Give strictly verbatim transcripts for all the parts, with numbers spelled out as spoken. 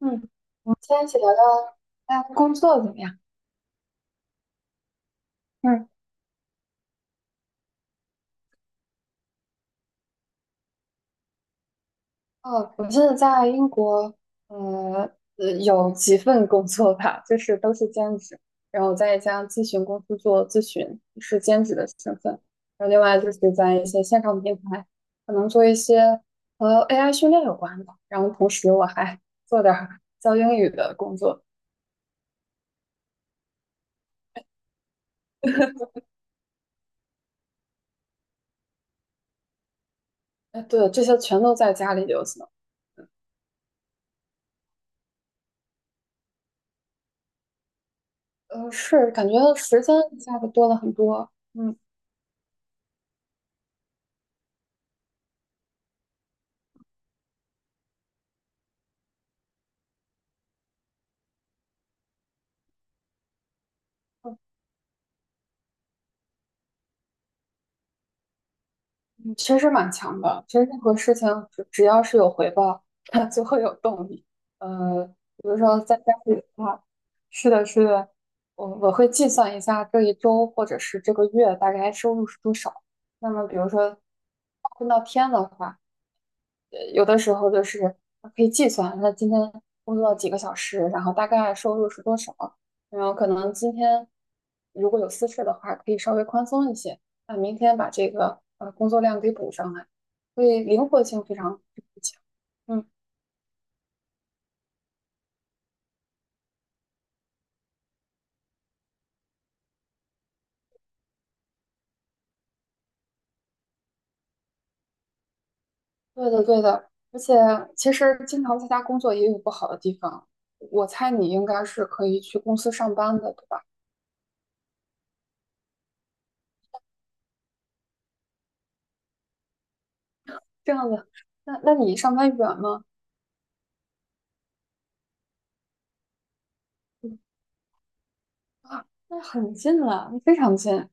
嗯，我们今天一起聊聊大家工作怎么样？嗯，哦，我记得在英国，呃，呃有几份工作吧，就是都是兼职。然后在一家咨询公司做咨询，是兼职的身份。然后另外就是在一些线上平台，可能做一些和 A I 训练有关的。然后同时我还 做点儿教英语的工作。哎，对，这些全都在家里就行。呃，是感觉时间一下子多了很多。嗯。嗯，确实蛮强的。其实任何事情只只要是有回报，它就会有动力。呃，比如说在家里的话，是的，是的，我我会计算一下这一周或者是这个月大概收入是多少。那么，比如说划分到天的话。呃有的时候就是可以计算，那今天工作几个小时，然后大概收入是多少，然后可能今天如果有私事的话，可以稍微宽松一些，那明天把这个呃工作量给补上来，所以灵活性非常非常强。嗯，对的对的，而且其实经常在家工作也有不好的地方，我猜你应该是可以去公司上班的，对吧？这样子，那那你上班远吗？嗯啊，那很近了，非常近。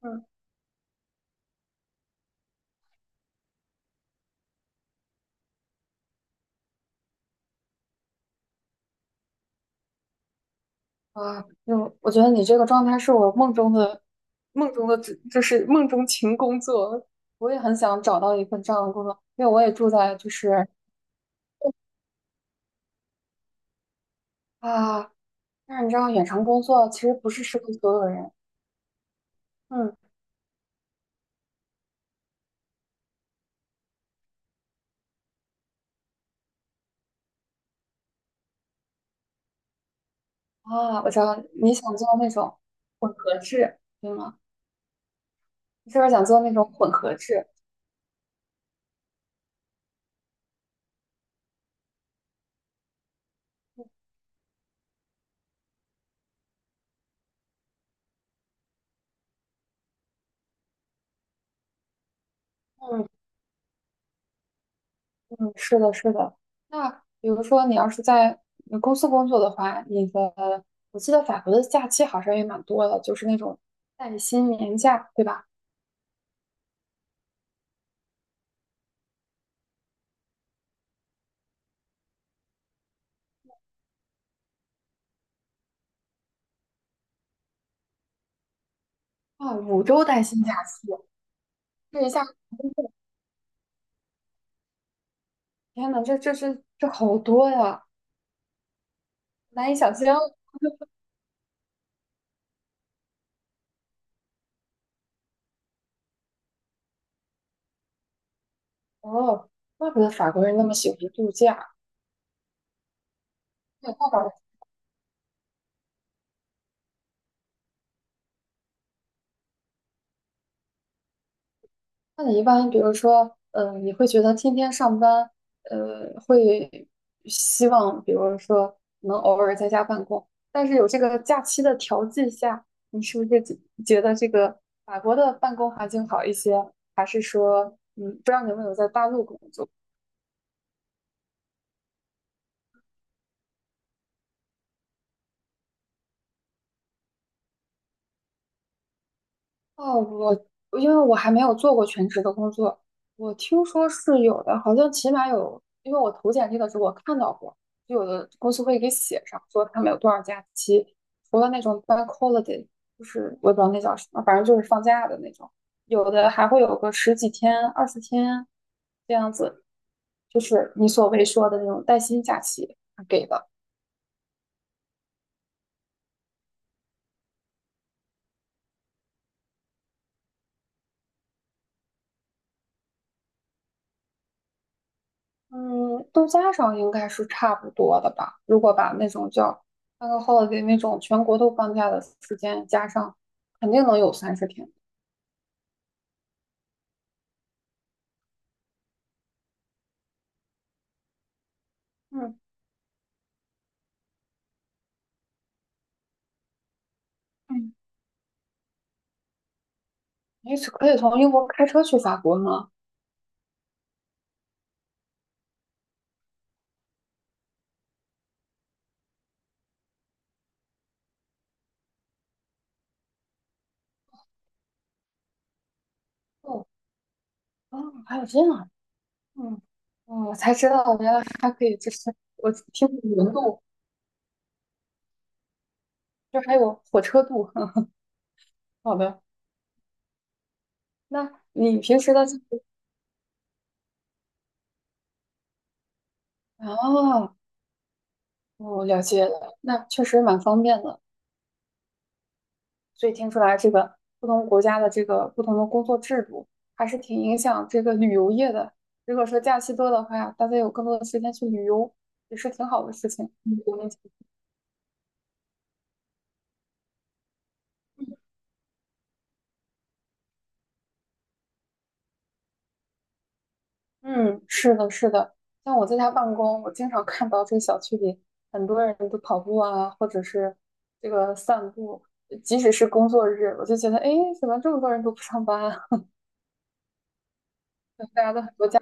嗯啊，就我觉得你这个状态是我梦中的梦中的，就是梦中情工作。我也很想找到一份这样的工作，因为我也住在就是啊，但是你知道远程工作其实不是适合所有人。嗯啊，我知道你想做那种合制，对吗？你是不是想做那种混合制？嗯嗯，是的，是的。那比如说你要是在呃公司工作的话，你的我记得法国的假期好像也蛮多的，就是那种带薪年假，对吧？啊，五周带薪假期，这一下，天呐，这这这这好多呀，难以想象哦。怪不得法国人那么喜欢度假。那那倒是。那你一般，比如说，呃，你会觉得天天上班，呃，会希望，比如说能偶尔在家办公，但是有这个假期的调剂下，你是不是觉觉得这个法国的办公环境好一些？还是说，嗯，不知道你有没有在大陆工作？哦，我因为我还没有做过全职的工作，我听说是有的，好像起码有，因为我投简历的时候我看到过，就有的公司会给写上，说他们有多少假期，除了那种 bank holiday，就是我也不知道那叫什么，反正就是放假的那种，有的还会有个十几天、二十天这样子，就是你所谓说的那种带薪假期给的。嗯，都加上应该是差不多的吧。如果把那种叫那个 holiday 那种全国都放假的时间加上，肯定能有三十天。嗯，嗯，也许可以从英国开车去法国吗？哦，哦，还有这样啊。嗯哦，我才知道原来还可以，就是我听过轮渡，就还有火车渡。好的，那你平时的啊，哦，哦了解了，那确实蛮方便的。所以听出来这个不同国家的这个不同的工作制度，还是挺影响这个旅游业的。如果说假期多的话，大家有更多的时间去旅游，也是挺好的事情。嗯，嗯，是的，是的。像我在家办公，我经常看到这个小区里很多人都跑步啊，或者是这个散步。即使是工作日，我就觉得，哎，诶怎么这么多人都不上班啊？大家都很多假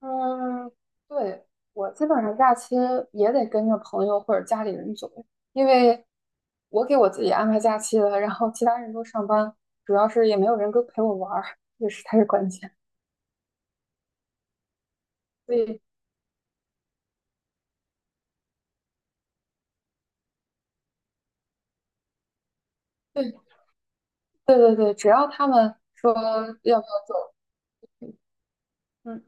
嗯，对，我基本上假期也得跟着朋友或者家里人走，因为我给我自己安排假期了，然后其他人都上班，主要是也没有人跟陪我玩儿，这个是才是关键。所以，对对对对，只要他们说要不要走，嗯，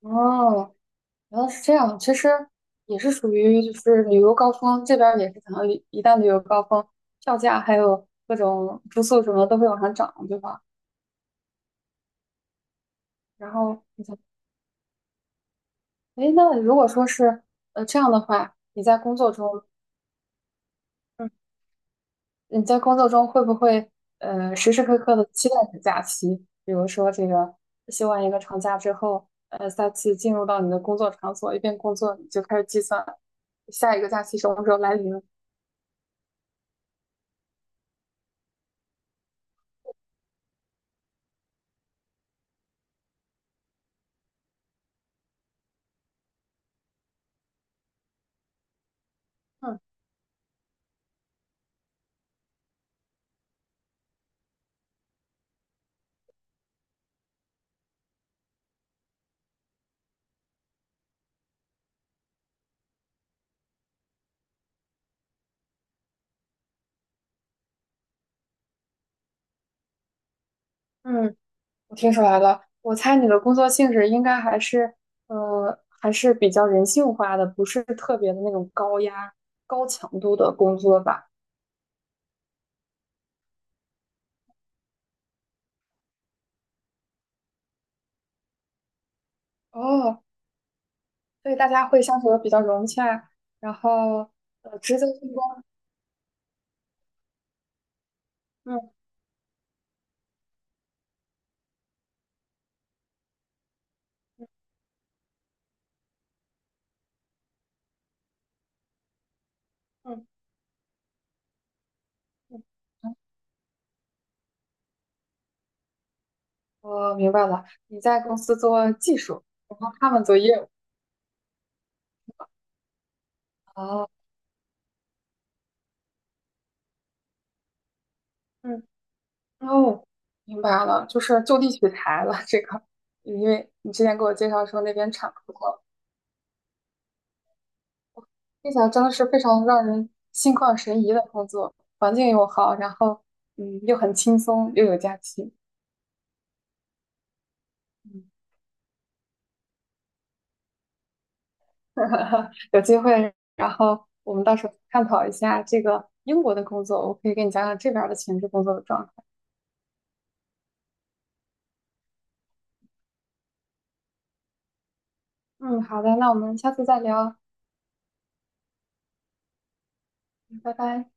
哦，原来是这样，其实也是属于就是旅游高峰，这边儿也是可能一一旦旅游高峰，票价还有各种住宿什么都会往上涨，对吧？然后你哎，那如果说是呃这样的话，你在工作中，嗯，你在工作中会不会呃时时刻刻的期待着假期？比如说这个休完一个长假之后，呃，再次进入到你的工作场所，一边工作你就开始计算下一个假期什么时候来临。嗯嗯，我听出来了，我猜你的工作性质应该还是呃还是比较人性化的，不是特别的那种高压、高强度的工作吧？哦，所以大家会相处的比较融洽，然后呃，职责分工，嗯嗯嗯，嗯，我明白了，你在公司做技术，然后他们做业务，哦，嗯哦，明白了，就是就地取材了这个，因为你之前给我介绍说那边产葡萄，听起来真的是非常让人心旷神怡的工作，环境又好，然后嗯又很轻松又有假期，嗯 有机会，然后我们到时候探讨一下这个英国的工作，我可以给你讲讲这边儿的前置工作的状态。嗯，好的，那我们下次再聊，拜拜。